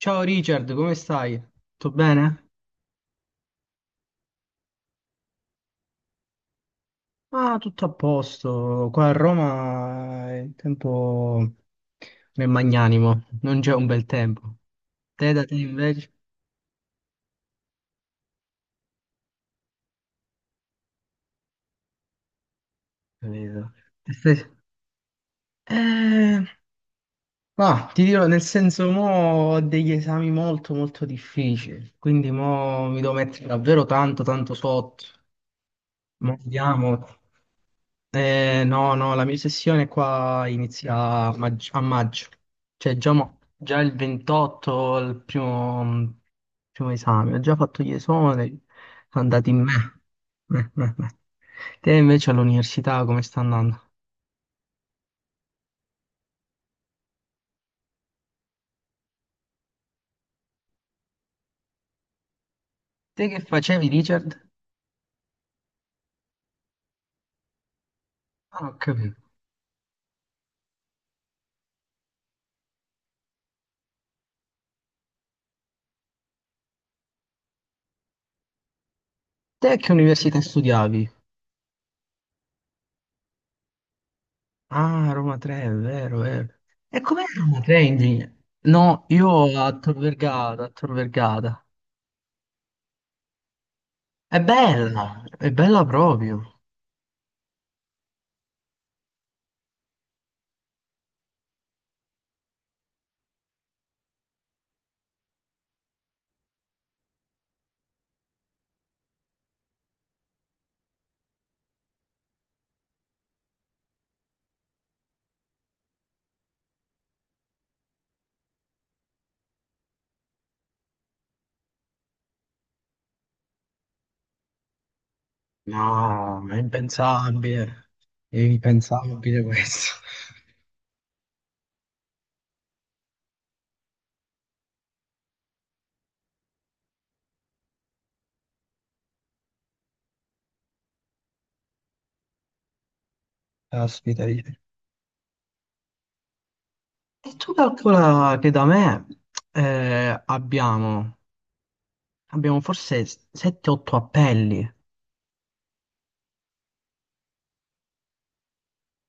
Ciao Richard, come stai? Tutto bene? Ah, tutto a posto. Qua a Roma il tempo non è magnanimo, non c'è un bel tempo. Te Da te invece? Capito. Te stai- Eh, ma ti dirò, nel senso, mo ho degli esami molto molto difficili, quindi mo mi devo mettere davvero tanto tanto sotto. Ma vediamo. No, no, la mia sessione qua inizia a maggio, a maggio. Cioè già, già il 28, il primo, primo esame, ho già fatto gli esami, sono andati in me. Eh, eh, eh. Te invece all'università come sta andando? Te che facevi, Richard? Ah, ho capito. Te che università studiavi? Ah, Roma 3, è vero, è vero. E com'è Roma 3 in genere? No, io a Tor Vergata, a Tor Vergata. È bella proprio. No, ma è impensabile. È impensabile questo. Caspita. E tu calcola che da me eh, abbiamo, abbiamo forse 7-8 appelli.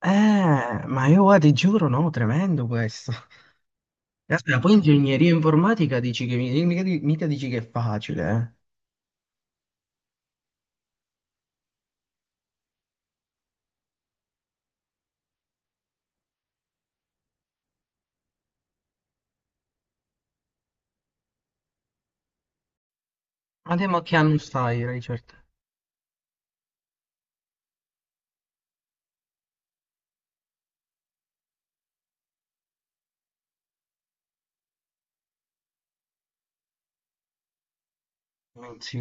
Eh, ma io guarda, ti giuro, no, tremendo questo. Aspetta, poi ingegneria informatica dici che mica, mica dici che è facile, eh. Ma che anno stai, Richard? Non Sì,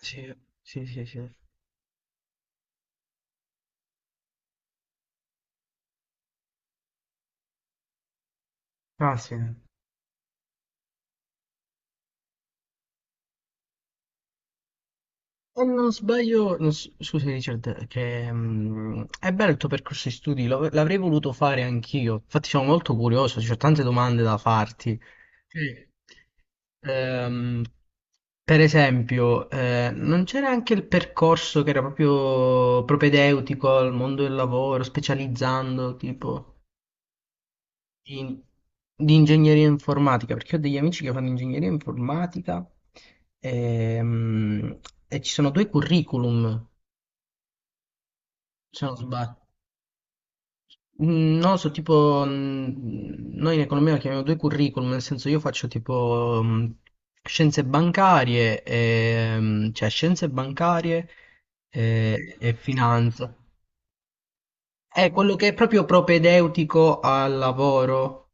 sì, sì, sì. Sì. Ah, sì. E non sbaglio, non s- scusa Richard, che è bello il tuo percorso di studi, l'avrei voluto fare anch'io. Infatti sono molto curioso, ci ho tante domande da farti. Sì. Ehm, per esempio, non c'era anche il percorso che era proprio propedeutico al mondo del lavoro, specializzando tipo in- di ingegneria informatica, perché ho degli amici che fanno ingegneria informatica ehm, e ci sono due curriculum se non sbaglio. No, so tipo, noi in economia lo chiamiamo due curriculum, nel senso io faccio tipo scienze bancarie, e, cioè scienze bancarie e finanza. È quello che è proprio propedeutico al lavoro.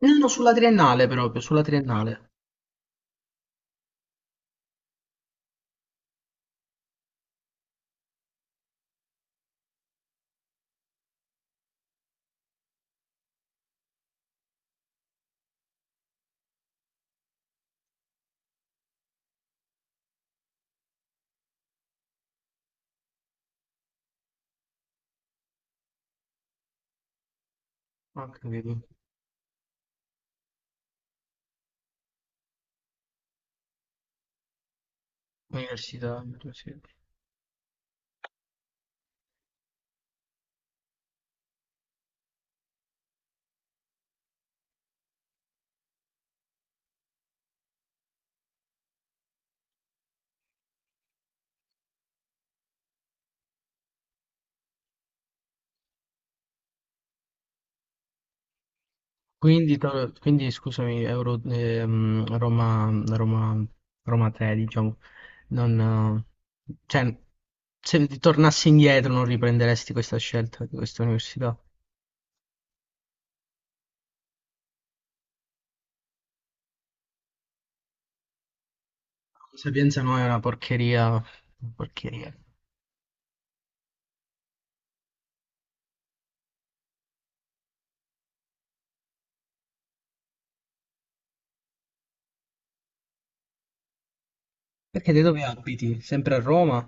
No, no, sulla triennale proprio, sulla triennale. Ho capito. Università, università. Quindi, scusami, Roma, Roma 3, diciamo, non, cioè, se ti tornassi indietro non riprenderesti questa scelta di questa università. La Sapienza no, è una porcheria, una porcheria. Perché te dove abiti? Sempre a Roma?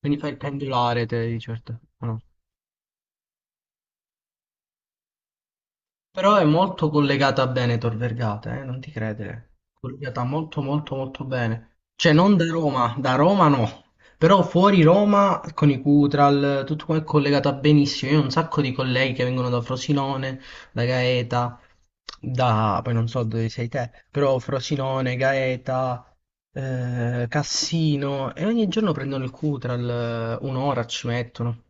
Quindi fai il pendolare te di certo, o no? Però è molto collegata a Veneto, Vergata, non ti credere. Collegata molto molto molto bene. Cioè non da Roma, da Roma no. Però fuori Roma, con i Cutral, tutto qua è collegata benissimo. Io ho un sacco di colleghi che vengono da Frosinone, da Gaeta, poi non so dove sei te, però Frosinone, Gaeta, Cassino, e ogni giorno prendono il Cutral, un'ora ci mettono.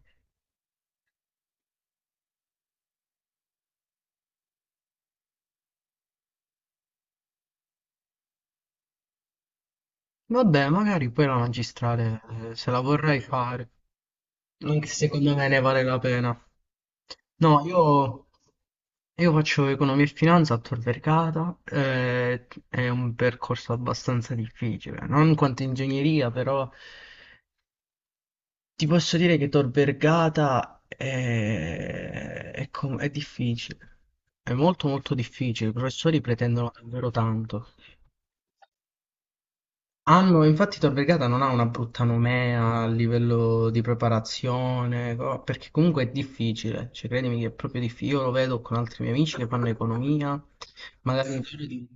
Vabbè, magari poi la magistrale, se la vorrei fare. Anche se secondo me ne vale la pena. No, io faccio economia e finanza a Tor Vergata, è un percorso abbastanza difficile, non quanto ingegneria, però ti posso dire che Tor Vergata è difficile, è molto molto difficile, i professori pretendono davvero tanto. Infatti Tor Vergata non ha una brutta nomea a livello di preparazione, perché comunque è difficile, cioè credimi che è proprio difficile, io lo vedo con altri miei amici che fanno economia, magari... in giro di-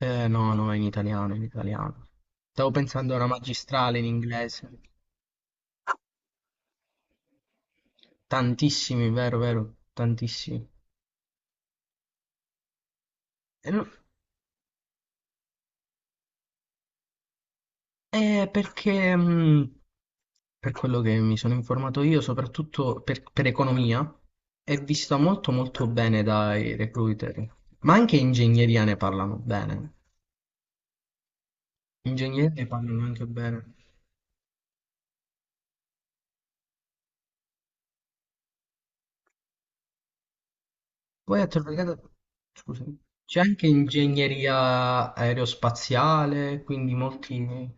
No, no, è in italiano, in italiano. Stavo pensando a una magistrale in inglese. Tantissimi, vero, vero, tantissimi. No. Perché per quello che mi sono informato io, soprattutto per economia, è vista molto molto bene dai recruiter, ma anche ingegneria ne parlano bene. Ingegneria ne parlano anche bene. Poi scusami, c'è anche ingegneria aerospaziale, quindi molti.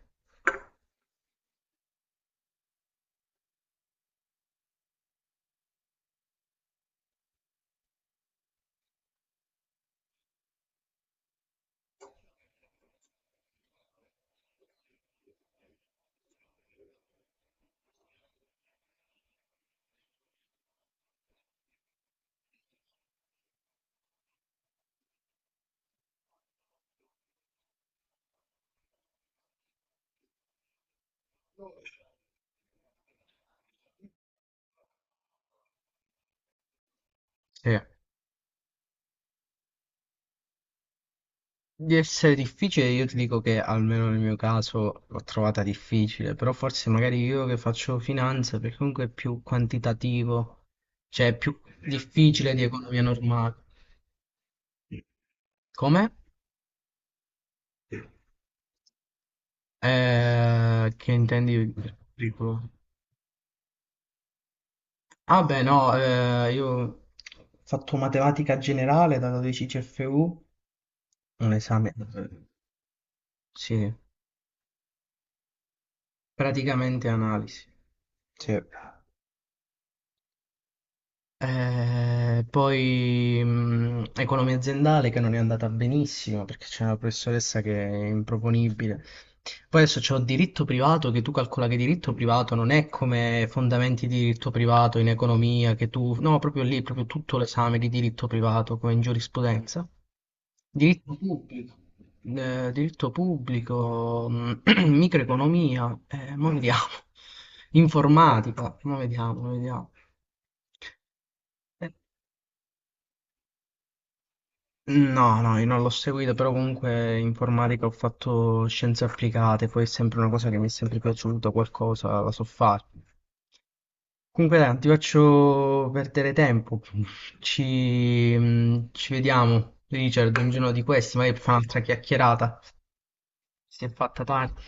Sì. Di essere difficile, io ti dico che almeno nel mio caso l'ho trovata difficile, però forse magari io che faccio finanza, perché comunque è più quantitativo, cioè è più difficile di economia normale. Come? Che intendi per curriculum? Ah beh no, io ho fatto matematica generale da 12 CFU, un esame, sì, praticamente analisi. Sì. Poi economia aziendale che non è andata benissimo perché c'è una professoressa che è improponibile. Poi adesso c'ho diritto privato che tu calcola che diritto privato non è come fondamenti di diritto privato in economia. No, proprio lì, proprio tutto l'esame di diritto privato come in giurisprudenza. Diritto pubblico. Diritto pubblico, microeconomia, mo vediamo. Informatica, mo vediamo, mo vediamo. Eh, No, no, io non l'ho seguito, però comunque informatica ho fatto scienze applicate, poi è sempre una cosa che mi è sempre piaciuta, qualcosa la so fare. Comunque dai, non ti faccio perdere tempo, ci vediamo, Richard, un giorno di questi, magari per fare un'altra chiacchierata, si è fatta tardi.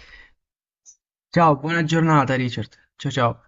Ciao, buona giornata, Richard, ciao ciao.